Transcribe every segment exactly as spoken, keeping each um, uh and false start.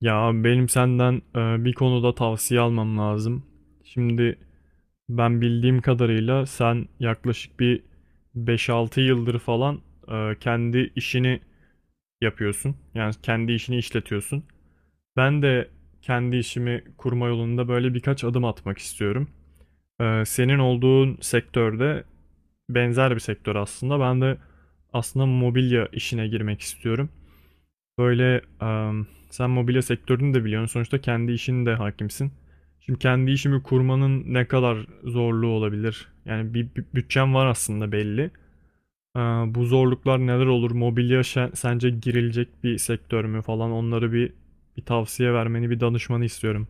Ya abi, benim senden e, bir konuda tavsiye almam lazım. Şimdi ben bildiğim kadarıyla sen yaklaşık bir beş-altı yıldır falan e, kendi işini yapıyorsun. Yani kendi işini işletiyorsun. Ben de kendi işimi kurma yolunda böyle birkaç adım atmak istiyorum. E, senin olduğun sektörde benzer bir sektör aslında. Ben de aslında mobilya işine girmek istiyorum. Böyle em, sen mobilya sektörünü de biliyorsun. Sonuçta kendi işin de hakimsin. Şimdi kendi işimi kurmanın ne kadar zorluğu olabilir? Yani bir, bir bütçem var aslında belli. Ee, Bu zorluklar neler olur? Mobilya şe- sence girilecek bir sektör mü falan? Onları bir bir tavsiye vermeni, bir danışmanı istiyorum.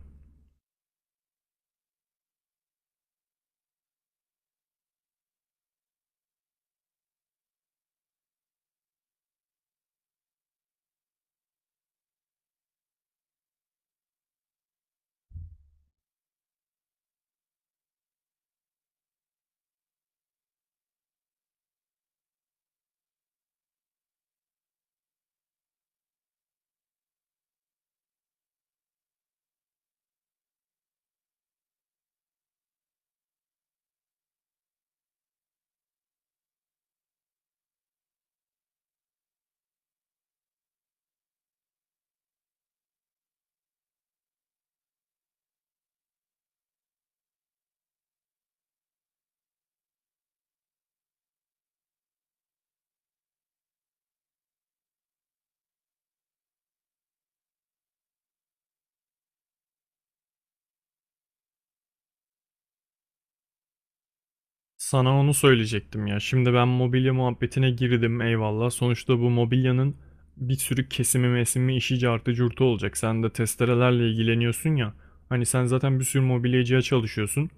Sana onu söyleyecektim ya. Şimdi ben mobilya muhabbetine girdim, eyvallah. Sonuçta bu mobilyanın bir sürü kesimi mesimi işi cartı curtu olacak. Sen de testerelerle ilgileniyorsun ya. Hani sen zaten bir sürü mobilyacıya çalışıyorsun.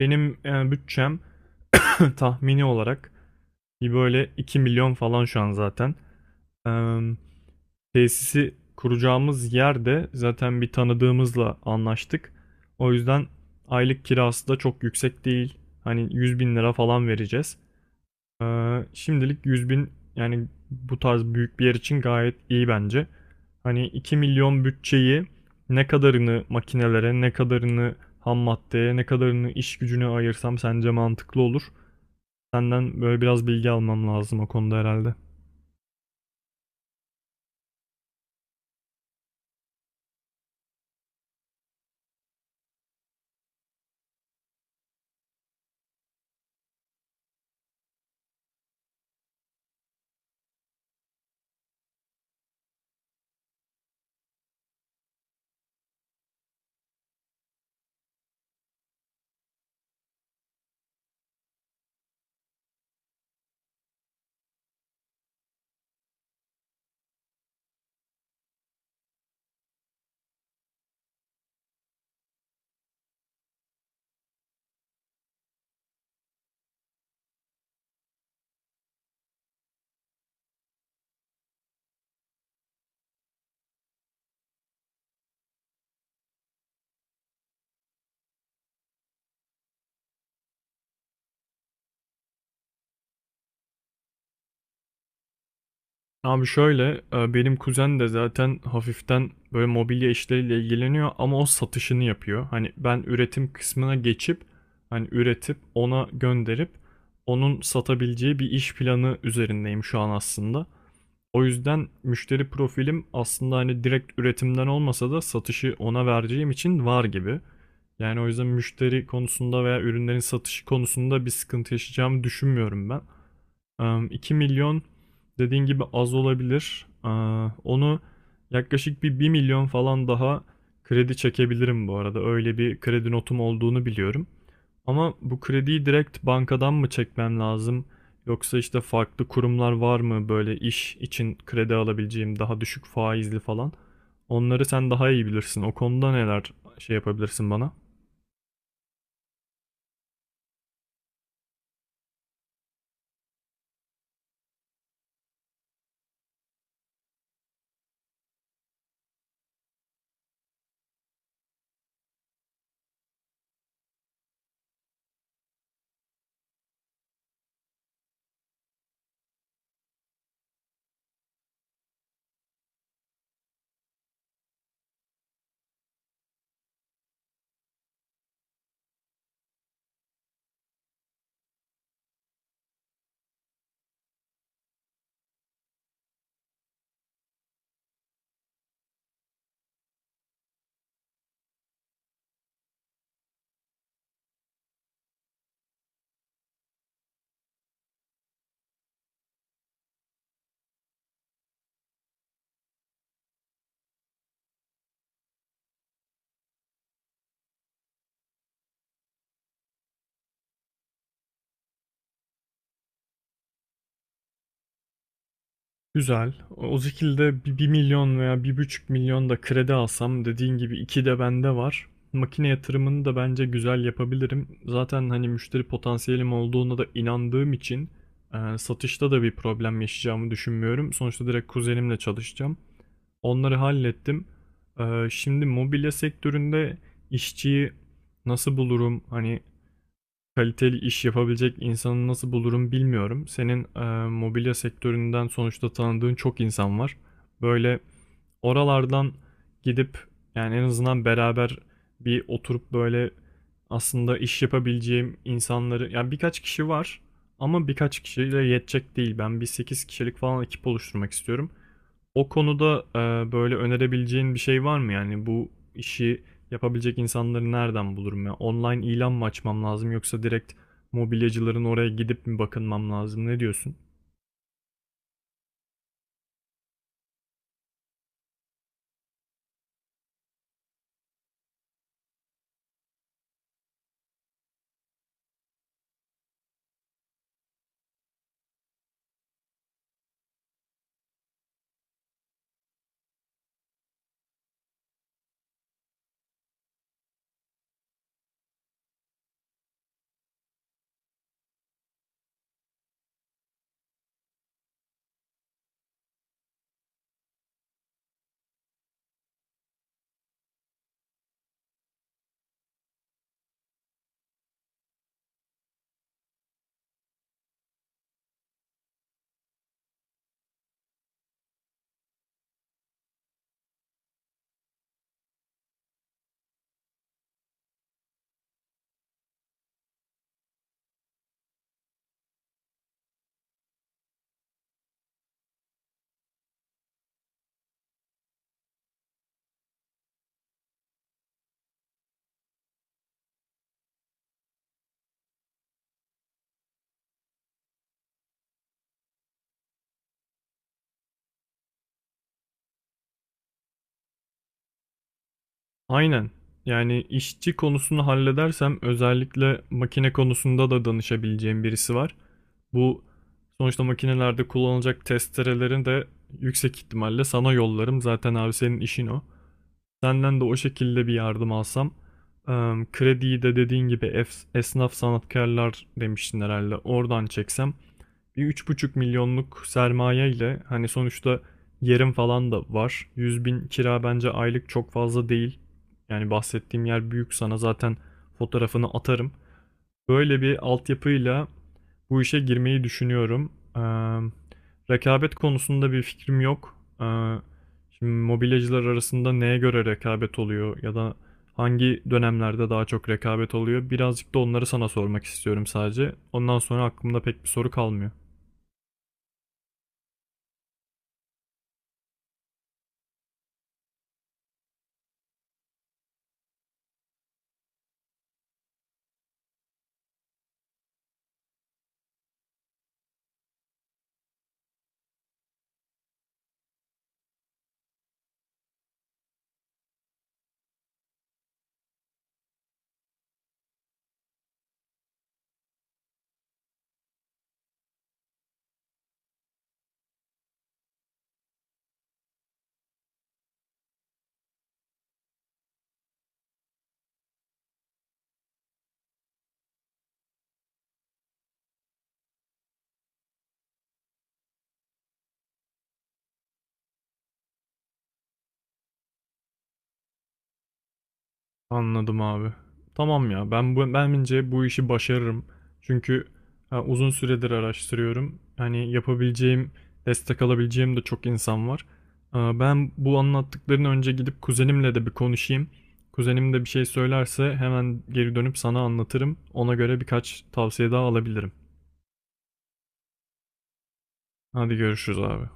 Benim e, bütçem tahmini olarak bir böyle iki milyon falan şu an zaten. E, Tesisi kuracağımız yerde zaten bir tanıdığımızla anlaştık. O yüzden aylık kirası da çok yüksek değil. Hani yüz bin lira falan vereceğiz. Ee, şimdilik yüz bin, yani bu tarz büyük bir yer için gayet iyi bence. Hani iki milyon bütçeyi ne kadarını makinelere, ne kadarını ham maddeye, ne kadarını iş gücüne ayırsam sence mantıklı olur? Senden böyle biraz bilgi almam lazım o konuda herhalde. Abi şöyle e, benim kuzen de zaten hafiften böyle mobilya işleriyle ilgileniyor ama o satışını yapıyor. Hani ben üretim kısmına geçip hani üretip ona gönderip onun satabileceği bir iş planı üzerindeyim şu an aslında. O yüzden müşteri profilim aslında hani direkt üretimden olmasa da satışı ona vereceğim için var gibi. Yani o yüzden müşteri konusunda veya ürünlerin satışı konusunda bir sıkıntı yaşayacağımı düşünmüyorum ben. Em, iki milyon dediğin gibi az olabilir. Aa, Onu yaklaşık bir 1 milyon falan daha kredi çekebilirim bu arada. Öyle bir kredi notum olduğunu biliyorum. Ama bu krediyi direkt bankadan mı çekmem lazım? Yoksa işte farklı kurumlar var mı böyle iş için kredi alabileceğim daha düşük faizli falan? Onları sen daha iyi bilirsin. O konuda neler şey yapabilirsin bana? Güzel. O o şekilde bir bir milyon veya bir buçuk milyon da kredi alsam, dediğin gibi iki de bende var. Makine yatırımını da bence güzel yapabilirim. Zaten hani müşteri potansiyelim olduğuna da inandığım için e, satışta da bir problem yaşayacağımı düşünmüyorum. Sonuçta direkt kuzenimle çalışacağım. Onları hallettim. E, Şimdi mobilya sektöründe işçiyi nasıl bulurum? Hani kaliteli iş yapabilecek insanı nasıl bulurum bilmiyorum. Senin e, mobilya sektöründen sonuçta tanıdığın çok insan var. Böyle oralardan gidip yani en azından beraber bir oturup böyle aslında iş yapabileceğim insanları, yani birkaç kişi var ama birkaç kişiyle yetecek değil. Ben bir sekiz kişilik falan ekip oluşturmak istiyorum. O konuda e, böyle önerebileceğin bir şey var mı? Yani bu işi yapabilecek insanları nereden bulurum ya? Online ilan mı açmam lazım, yoksa direkt mobilyacıların oraya gidip mi bakınmam lazım? Ne diyorsun? Aynen. Yani işçi konusunu halledersem, özellikle makine konusunda da danışabileceğim birisi var. Bu sonuçta makinelerde kullanılacak testerelerin de yüksek ihtimalle sana yollarım. Zaten abi senin işin o. Senden de o şekilde bir yardım alsam. Em, Krediyi de dediğin gibi ef- esnaf sanatkarlar demiştin herhalde. Oradan çeksem bir üç buçuk milyonluk sermaye ile hani sonuçta yerim falan da var. Yüz bin kira bence aylık çok fazla değil. Yani bahsettiğim yer büyük, sana zaten fotoğrafını atarım. Böyle bir altyapıyla bu işe girmeyi düşünüyorum. Eee, rekabet konusunda bir fikrim yok. Eee, şimdi mobilyacılar arasında neye göre rekabet oluyor, ya da hangi dönemlerde daha çok rekabet oluyor? Birazcık da onları sana sormak istiyorum sadece. Ondan sonra aklımda pek bir soru kalmıyor. Anladım abi. Tamam ya, ben bu, bence bu işi başarırım. Çünkü ha, uzun süredir araştırıyorum. Hani yapabileceğim, destek alabileceğim de çok insan var. Aa, ben bu anlattıklarını önce gidip kuzenimle de bir konuşayım. Kuzenim de bir şey söylerse hemen geri dönüp sana anlatırım. Ona göre birkaç tavsiye daha alabilirim. Hadi görüşürüz abi.